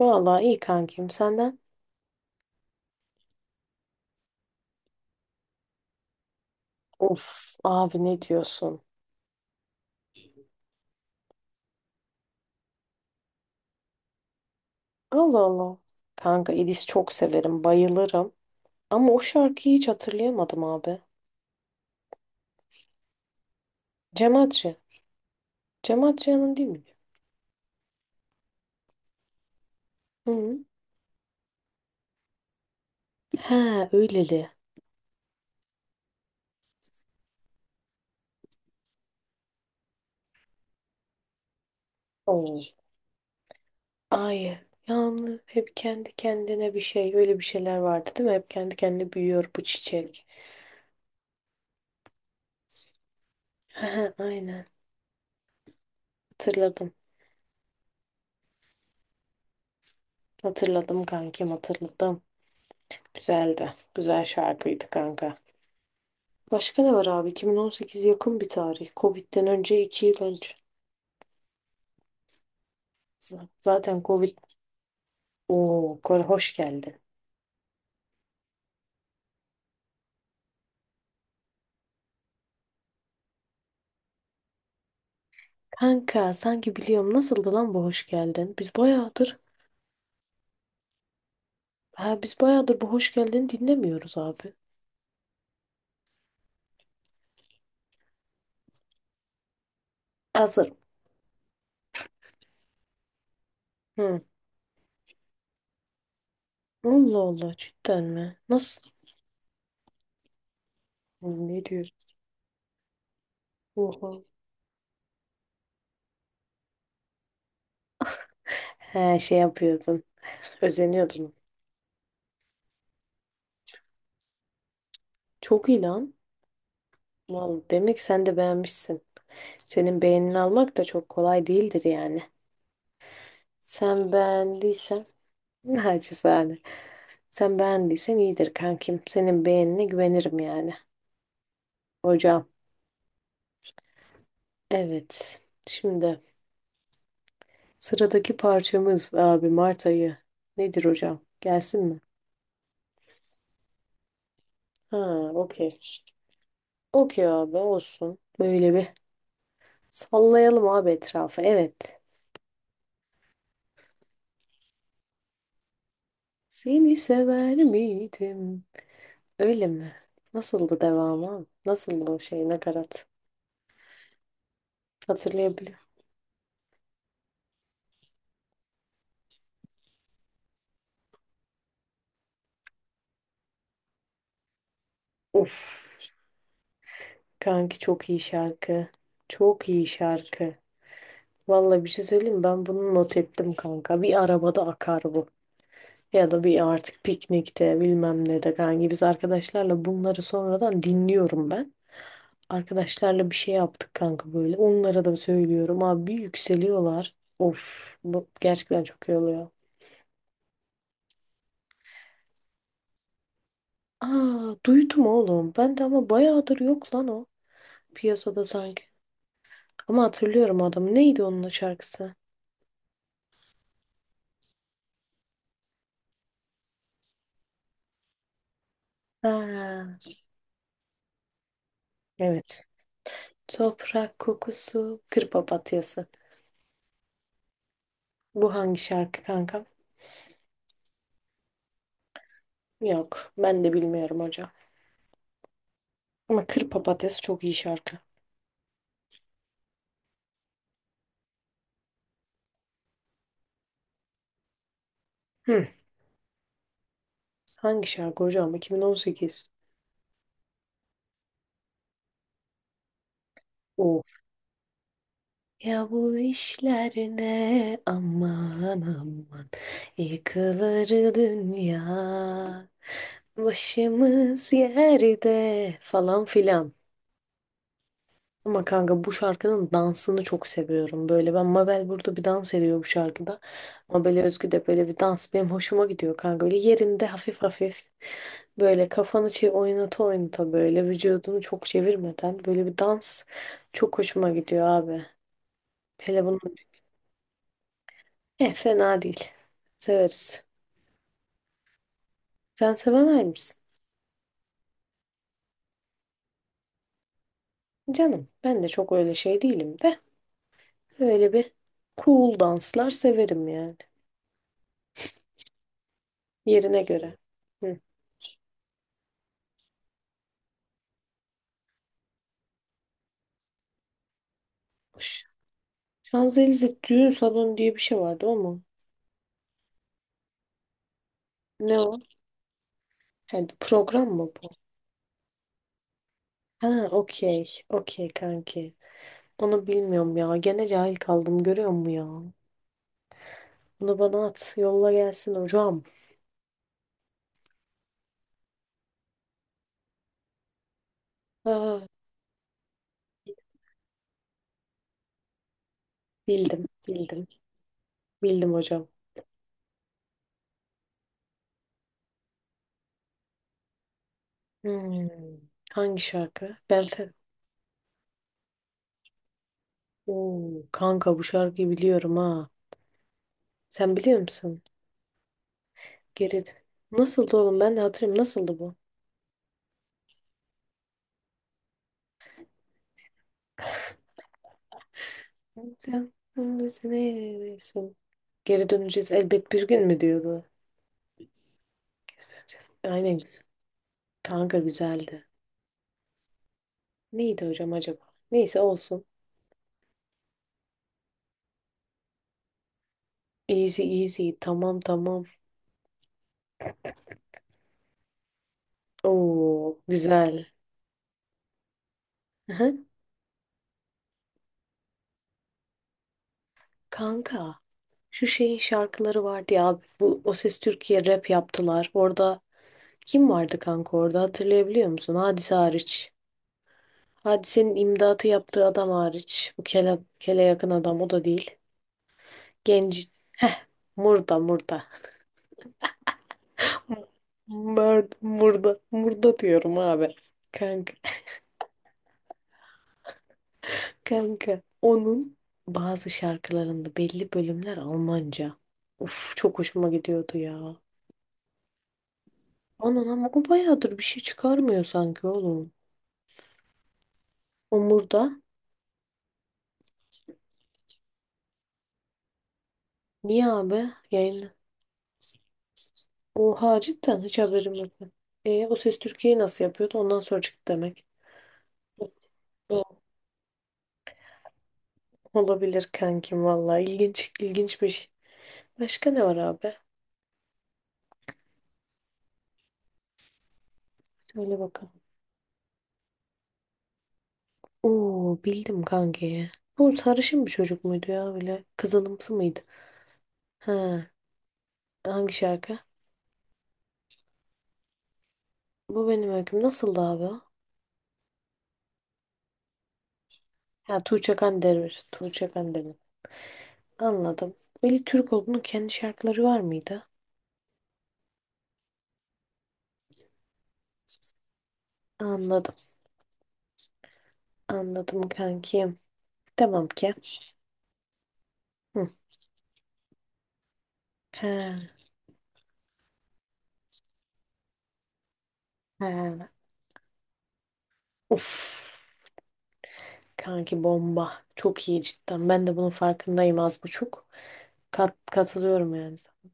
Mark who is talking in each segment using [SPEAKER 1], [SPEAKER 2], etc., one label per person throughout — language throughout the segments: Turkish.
[SPEAKER 1] Vallahi iyi kankim senden. Of abi ne diyorsun? Allah Allah. Kanka İdis çok severim, bayılırım. Ama o şarkıyı hiç hatırlayamadım abi. Cem Adrian. Cem Adrian'ın değil mi? Hı hı. He öyleli. Oo. Ay yalnız hep kendi kendine bir şey öyle bir şeyler vardı değil mi? Hep kendi kendine büyüyor bu çiçek. He he, aynen hatırladım. Hatırladım kankim hatırladım. Güzeldi. Güzel şarkıydı kanka. Başka ne var abi? 2018 yakın bir tarih. Covid'den önce 2 yıl önce. Zaten Covid o hoş geldin. Kanka sanki biliyorum nasıldı lan bu hoş geldin? Biz bayağıdır ha biz bayağıdır bu hoş geldin dinlemiyoruz abi. Hazırım. Hı. Allah Allah cidden mi? Nasıl? Hı, ne diyorsun? Oha. He şey yapıyordun. Özeniyordun. Çok iyi lan. Vallahi demek sen de beğenmişsin. Senin beğenini almak da çok kolay değildir yani. Sen beğendiysen naçizane. Sen beğendiysen iyidir kankim. Senin beğenine güvenirim yani. Hocam. Evet. Şimdi sıradaki parçamız abi Mart ayı. Nedir hocam? Gelsin mi? Ha, okey. Okey abi olsun. Böyle bir sallayalım abi etrafı. Evet. Seni sever miydim? Öyle mi? Nasıldı devamı abi? Nasıldı o şey nakarat? Hatırlayabiliyor. Of. Kanki çok iyi şarkı. Çok iyi şarkı. Vallahi bir şey söyleyeyim mi? Ben bunu not ettim kanka. Bir arabada akar bu. Ya da bir artık piknikte bilmem ne de kanka. Biz arkadaşlarla bunları sonradan dinliyorum ben. Arkadaşlarla bir şey yaptık kanka böyle. Onlara da söylüyorum. Abi yükseliyorlar. Of bu gerçekten çok iyi oluyor. Aa duydum oğlum. Ben de ama bayağıdır yok lan o. Piyasada sanki. Ama hatırlıyorum adamı. Neydi onun şarkısı? Ha, evet. Toprak kokusu, kır papatyası. Bu hangi şarkı kanka? Yok. Ben de bilmiyorum hocam. Ama Kır Papatyası çok iyi şarkı. Hı. Hangi şarkı hocam? 2018. O. Ya bu işler ne aman aman yıkılır dünya başımız yerde falan filan. Ama kanka bu şarkının dansını çok seviyorum. Böyle ben Mabel burada bir dans ediyor bu şarkıda. Mabel'e özgü de böyle bir dans benim hoşuma gidiyor kanka. Böyle yerinde hafif hafif böyle kafanı şey oynata oynata böyle vücudunu çok çevirmeden böyle bir dans çok hoşuma gidiyor abi. Hele bunun eh, fena değil. Severiz. Sen sevemez misin? Canım ben de çok öyle şey değilim de öyle bir cool danslar severim yani. Yerine göre. Hı. Şanzelize düğün salonu diye bir şey vardı o mu? Ne o? He, program mı bu? Ha okey. Okey kanki. Onu bilmiyorum ya. Gene cahil kaldım görüyor musun ya? Bunu bana at. Yolla gelsin hocam. Ha, bildim. Bildim. Bildim hocam. Hmm, hangi şarkı? Oo, kanka bu şarkıyı biliyorum ha. Sen biliyor musun? Geri... Nasıldı oğlum? Ben de hatırlıyorum. Nasıldı bu? Sen neredesin? Geri döneceğiz elbet bir gün mü diyordu? Aynen güzel. Kanka güzeldi. Neydi hocam acaba? Neyse olsun. Easy easy. Tamam tamam. Oo güzel. Hı-hı. Kanka şu şeyin şarkıları vardı ya abi. Bu O Ses Türkiye rap yaptılar. Orada kim vardı kanka orada hatırlayabiliyor musun? Hadise hariç. Hadisenin imdatı yaptığı adam hariç. Bu kele yakın adam o da değil. Genci. Heh. Murda murda. Murda murda. Murda diyorum abi. Kanka. Kanka onun bazı şarkılarında belli bölümler Almanca. Uf, çok hoşuma gidiyordu ya. Onun ama o bayağıdır bir şey çıkarmıyor sanki oğlum. Omur'da. Niye abi? Yayınla. Oha cidden hiç haberim yok. E, o Ses Türkiye'yi nasıl yapıyordu? Ondan sonra çıktı demek. O- Olabilir kankim valla. İlginç, ilginç bir şey. Başka ne var abi? Söyle bakalım. Oo bildim kankiyi. Bu sarışın bir çocuk muydu ya böyle? Kızılımsı mıydı? He. Hangi şarkı? Bu benim öyküm. Nasıldı abi? Ha Tuğçe Kandemir'dir. Tuğçe Kandemir. Anladım. Veli Türkoğlu'nun kendi şarkıları var mıydı? Anladım. Anladım kankim. Tamam ki. Hı. He, he. Of. Kanki bomba. Çok iyi cidden. Ben de bunun farkındayım az buçuk. Katılıyorum yani. Uf.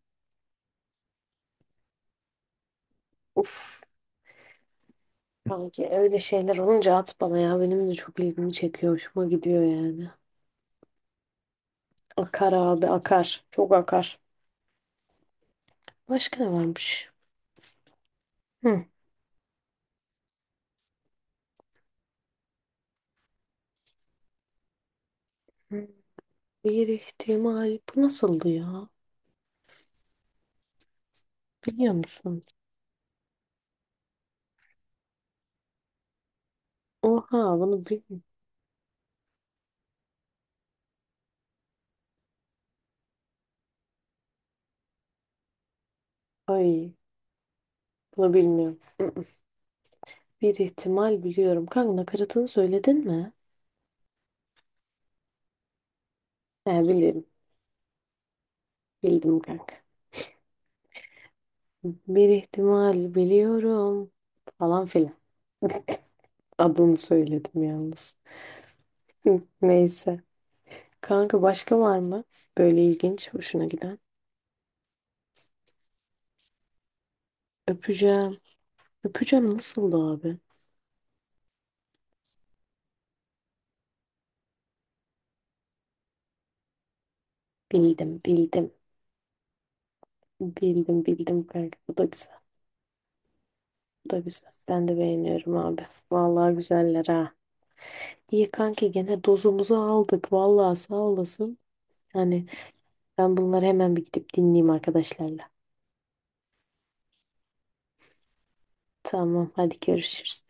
[SPEAKER 1] Kanki öyle şeyler olunca at bana ya. Benim de çok ilgimi çekiyor. Hoşuma gidiyor yani. Akar abi akar. Çok akar. Başka ne varmış? Hı. Hmm, bir ihtimal. Bu nasıldı ya? Biliyor musun? Oha ay bunu bilmiyorum. Mm-mm. Bir ihtimal biliyorum. Kanka nakaratını söyledin mi? He bilirim. Bildim kanka. Bir ihtimal biliyorum. Falan filan. Adını söyledim yalnız. Hı, neyse. Kanka başka var mı? Böyle ilginç, hoşuna giden. Öpeceğim. Öpeceğim nasıldı abi? Bildim, bildim. Bildim, bildim kanka. Bu da güzel. Bu da güzel. Ben de beğeniyorum abi. Vallahi güzeller ha. İyi kanki gene dozumuzu aldık. Vallahi sağ olasın. Hani ben bunları hemen bir gidip dinleyeyim arkadaşlarla. Tamam hadi görüşürüz.